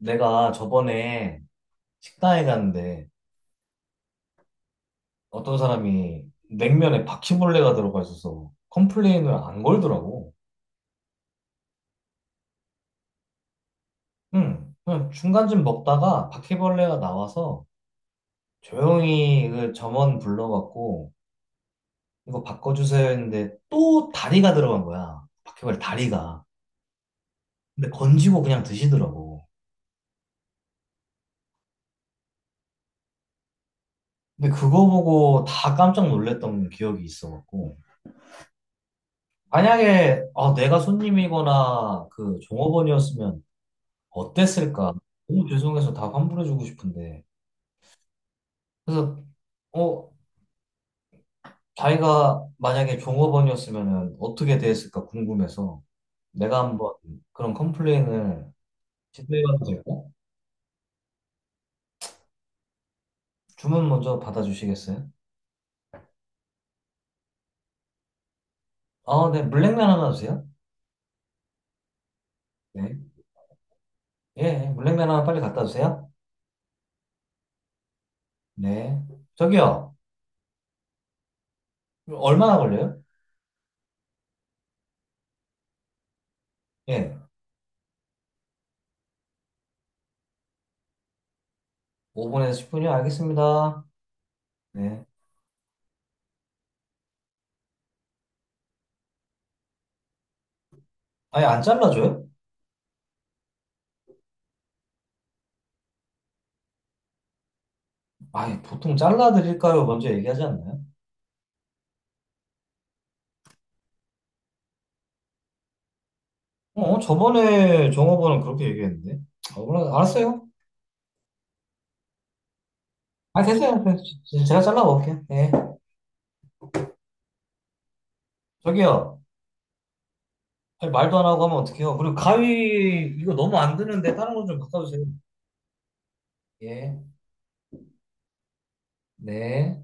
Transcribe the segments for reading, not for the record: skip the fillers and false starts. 내가 저번에 식당에 갔는데 어떤 사람이 냉면에 바퀴벌레가 들어가 있어서 컴플레인을 안 걸더라고. 응, 그냥 중간쯤 먹다가 바퀴벌레가 나와서 조용히 그 점원 불러갖고 이거 바꿔주세요 했는데 또 다리가 들어간 거야. 바퀴벌레 다리가. 근데 건지고 그냥 드시더라고. 근데 그거 보고 다 깜짝 놀랐던 기억이 있어갖고. 만약에 아, 내가 손님이거나 그 종업원이었으면 어땠을까? 너무 죄송해서 다 환불해주고 싶은데. 그래서, 어, 자기가 만약에 종업원이었으면 어떻게 대했을까 궁금해서 내가 한번 그런 컴플레인을 제대해봐도 될까? 주문 먼저 받아주시겠어요? 아, 네, 물냉면 하나 주세요. 네. 예, 예, 물냉면 하나 빨리 갖다 주세요. 네. 저기요, 얼마나 걸려요? 예, 5분에서 10분이요? 알겠습니다. 네. 아니, 안 잘라줘요? 아니, 보통 잘라드릴까요? 먼저 얘기하지 않나요? 어, 저번에 종업원은 그렇게 얘기했는데. 아, 몰라, 알았어요. 아, 됐어요. 그래, 제가 잘라 먹을게요. 예. 저기요. 아니, 말도 안 하고 하면 어떡해요. 그리고 가위, 이거 너무 안 드는데 다른 거 좀 바꿔주세요. 예. 네.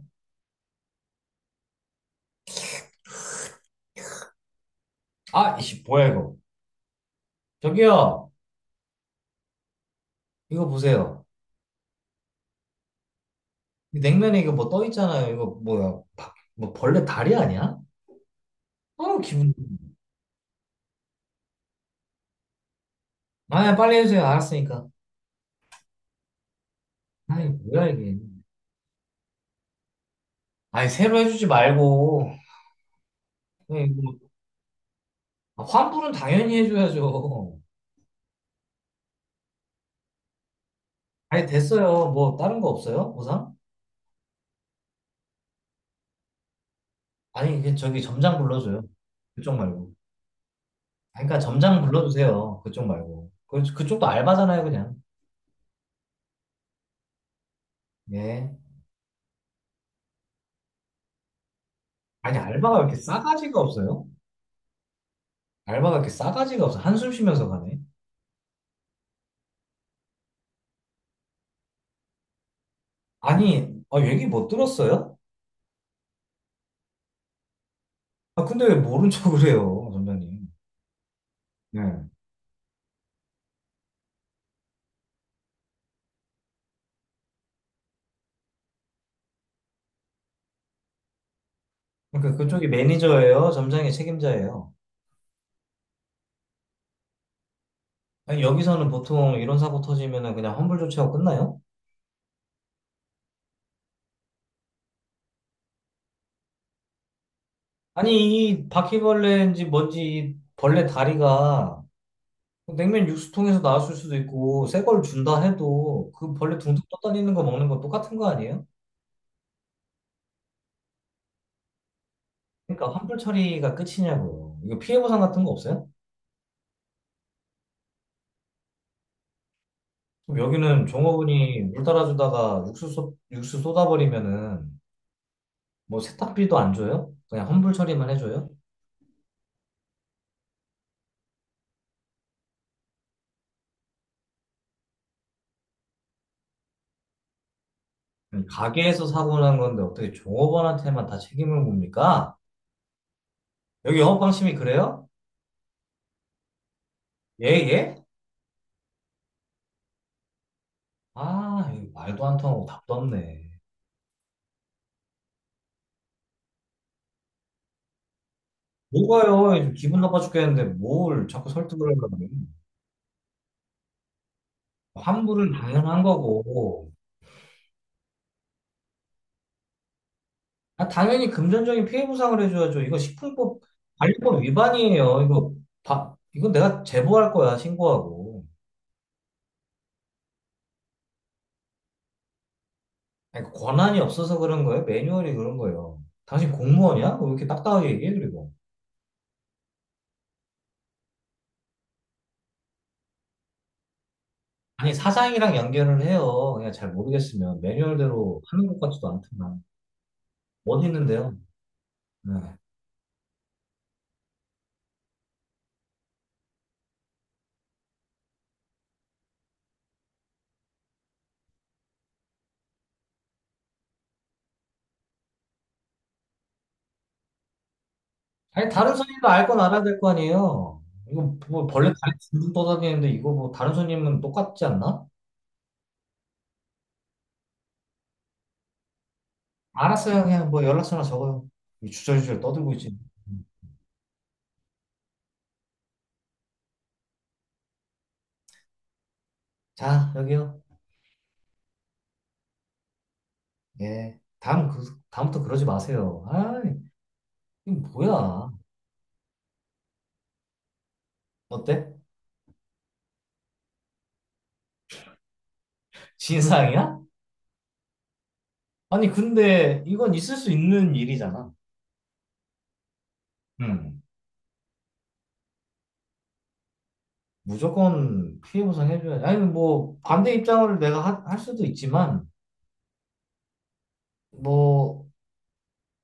아, 이씨, 뭐야, 이거. 저기요. 이거 보세요. 이 냉면에 이거 뭐 떠 있잖아요. 이거 뭐야. 뭐 벌레 다리 아니야? 아우, 기분. 아, 예, 빨리 해주세요. 알았으니까. 아이, 뭐야, 이게. 아니, 새로 해주지 말고. 예, 이거 아, 환불은 당연히 해줘야죠. 아니, 됐어요. 뭐, 다른 거 없어요? 보상? 아니, 이게 저기 점장 불러줘요. 그쪽 말고. 아니, 그러니까 점장 불러주세요. 그쪽 말고. 그, 그쪽도 알바잖아요, 그냥. 예. 아니, 알바가 왜 이렇게 싸가지가 없어요? 알바가 이렇게 싸가지가 없어. 한숨 쉬면서 가네. 아니, 아, 얘기 못 들었어요? 아, 근데 왜 모른 척을 해요, 점장님. 네. 그러니까 그쪽이 매니저예요? 점장이 책임자예요? 아니, 여기서는 보통 이런 사고 터지면은 그냥 환불 조치하고 끝나요? 아니, 이 바퀴벌레인지 뭔지 이 벌레 다리가 냉면 육수통에서 나왔을 수도 있고, 새 걸 준다 해도 그 벌레 둥둥 떠다니는 거 먹는 거 똑같은 거 아니에요? 그러니까 환불 처리가 끝이냐고요. 이거 피해 보상 같은 거 없어요? 그럼 여기는 종업원이 물 따라주다가 육수, 육수 쏟아버리면은 뭐 세탁비도 안 줘요? 그냥 환불 처리만 해줘요? 아니, 가게에서 사고 난 건데 어떻게 종업원한테만 다 책임을 묻니까? 여기 영업방침이 그래요? 예, 예? 아, 이거 말도 안 통하고 답도 없네. 뭐가요? 지금 기분 나빠 죽겠는데 뭘 자꾸 설득을 하려고. 환불은 당연한 거고. 아, 당연히 금전적인 피해 보상을 해줘야죠. 이거 식품법 관리법 위반이에요. 이거 바, 이건 내가 제보할 거야, 신고하고. 아니, 그 권한이 없어서 그런 거예요? 매뉴얼이 그런 거예요. 당신 공무원이야? 왜 이렇게 딱딱하게 얘기해, 그리고. 아니, 사장이랑 연결을 해요. 그냥 잘 모르겠으면. 매뉴얼대로 하는 것 같지도 않더만. 어디 있는데요? 네. 아니, 다른 손님도 알건 알아야 될 거 아니에요. 이거 뭐 벌레 다리 둥둥 떠다니는데 이거 뭐 다른 손님은 똑같지 않나? 알았어요. 그냥 뭐 연락처나 적어요. 이 주저주저 떠들고 있지. 자, 여기요. 예. 다음, 그, 다음부터 그러지 마세요. 아, 이거 뭐야. 어때? 진상이야? 아니, 근데 이건 있을 수 있는 일이잖아. 음. 무조건 피해 보상해줘야지. 아니, 뭐, 반대 입장을 내가 할 수도 있지만, 뭐,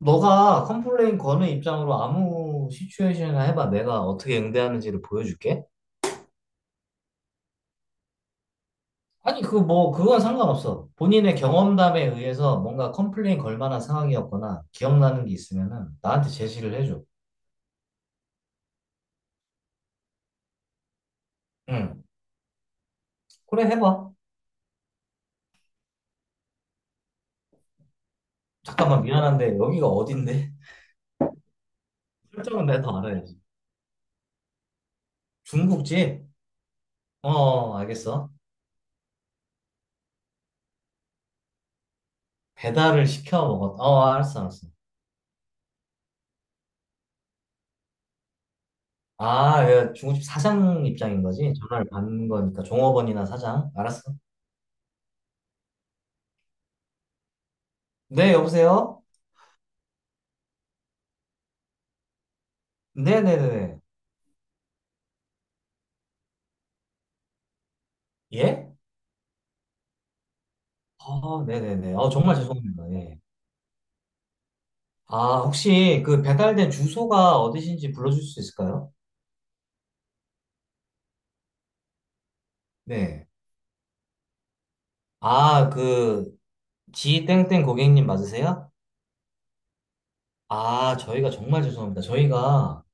너가 컴플레인 거는 입장으로 아무 시츄에이션이나 해봐. 내가 어떻게 응대하는지를 보여줄게. 아니, 그 뭐, 그건 상관없어. 본인의 경험담에 의해서 뭔가 컴플레인 걸 만한 상황이었거나 기억나는 게 있으면은 나한테 제시를 해줘. 응. 그래, 해봐. 잠깐만, 미안한데, 여기가 어딘데? 설정은 내가 더 알아야지. 중국집? 어, 어, 알겠어. 어, 알았어, 알았어. 아, 얘 중국집 사장 입장인 거지? 전화를 받는 거니까, 종업원이나 사장. 알았어. 네, 여보세요? 네네네네. 예? 아, 네네네. 어, 정말 죄송합니다. 예. 아, 혹시 그 배달된 주소가 어디신지 불러줄 수 있을까요? 네. 아, 그, 지땡땡 고객님 맞으세요? 아, 저희가 정말 죄송합니다. 저희가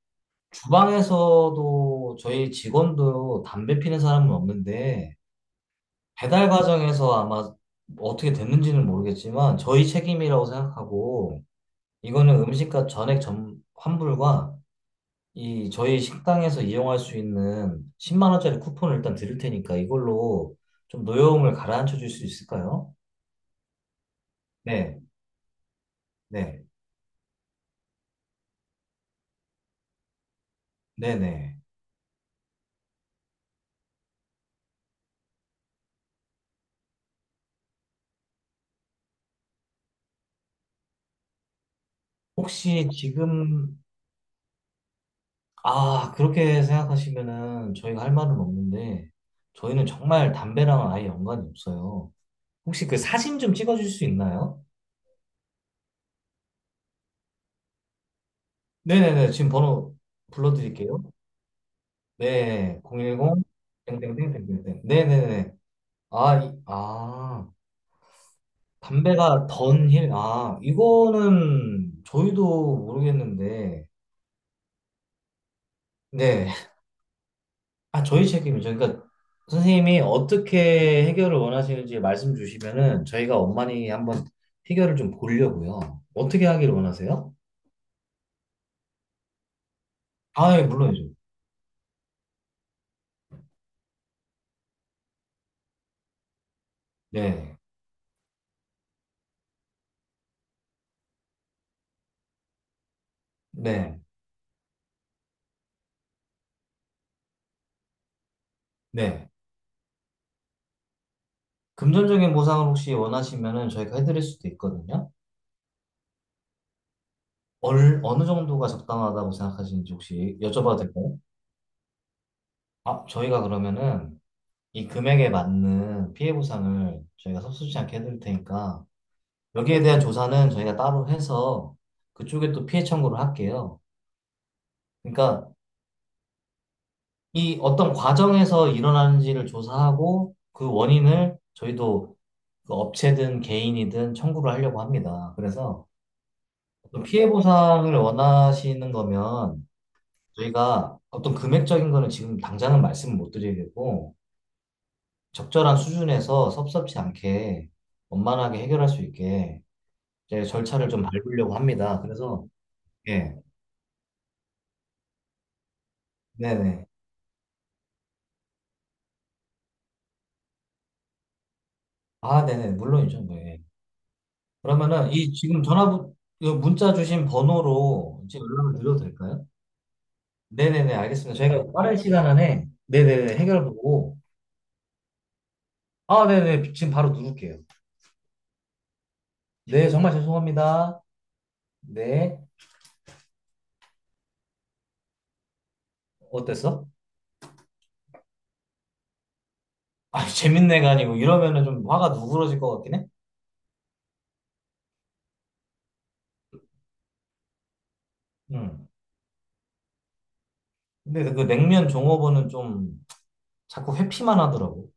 주방에서도 저희 직원도 담배 피는 사람은 없는데, 배달 과정에서 아마 어떻게 됐는지는 모르겠지만, 저희 책임이라고 생각하고, 이거는 음식값 전액 점, 환불과 이 저희 식당에서 이용할 수 있는 10만 원짜리 쿠폰을 일단 드릴 테니까 이걸로 좀 노여움을 가라앉혀 줄 수 있을까요? 네, 네, 네네. 혹시 지금, 아, 그렇게 생각하시면은 저희가 할 말은 없는데, 저희는 정말 담배랑은 아예 연관이 없어요. 혹시 그 사진 좀 찍어줄 수 있나요? 네네네, 지금 번호 불러드릴게요. 네, 010, 땡땡땡땡땡. 네네네. 아, 아. 담배가 던힐, 아, 이거는 저희도 모르겠는데, 네. 아, 저희 책임이죠. 그러니까 선생님이 어떻게 해결을 원하시는지 말씀 주시면은 저희가 엄만히 한번 해결을 좀 보려고요. 어떻게 하기를 원하세요? 아, 예, 물론이죠. 네. 네. 네. 금전적인 보상을 혹시 원하시면은 저희가 해드릴 수도 있거든요. 얼, 어느 정도가 적당하다고 생각하시는지 혹시 여쭤봐도 될까요? 아, 저희가 그러면은 이 금액에 맞는 피해 보상을 저희가 섭섭지 않게 해드릴 테니까 여기에 대한 조사는 저희가 따로 해서 그쪽에 또 피해 청구를 할게요. 그러니까 이 어떤 과정에서 일어나는지를 조사하고 그 원인을 저희도 그 업체든 개인이든 청구를 하려고 합니다. 그래서 어떤 피해 보상을 원하시는 거면 저희가 어떤 금액적인 거는 지금 당장은 말씀을 못 드리겠고 적절한 수준에서 섭섭지 않게 원만하게 해결할 수 있게 이제 절차를 좀 밟으려고 합니다. 그래서 예, 네네. 아, 네네. 물론이죠. 네. 그러면은 이 지금 전화 문자 주신 번호로 이제 연락을 드려도 될까요? 네네네. 알겠습니다. 저희가 빠른 시간 안에 네네네 해결 보고 아, 네네. 지금 바로 누를게요. 네, 정말 죄송합니다. 네. 어땠어? 아, 재밌네가 아니고 이러면은 좀 화가 누그러질 것 같긴 해. 음. 근데 그 냉면 종업원은 좀 자꾸 회피만 하더라고.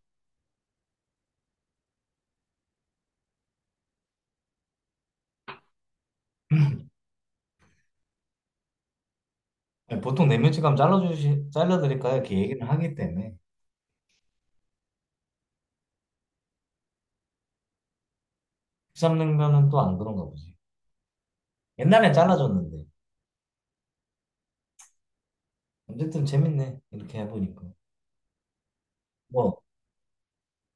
아니, 보통 내면치 감 잘라주시, 잘라드릴까요? 이렇게 얘기를 하기 때문에. 국삼냉면은 또 안 그런가 보지. 옛날엔 잘라줬는데. 어쨌든 재밌네. 이렇게 해보니까. 뭐,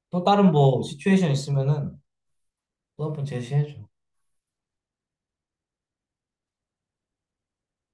또 다른 뭐, 시츄에이션 있으면은 또 한번 제시해줘.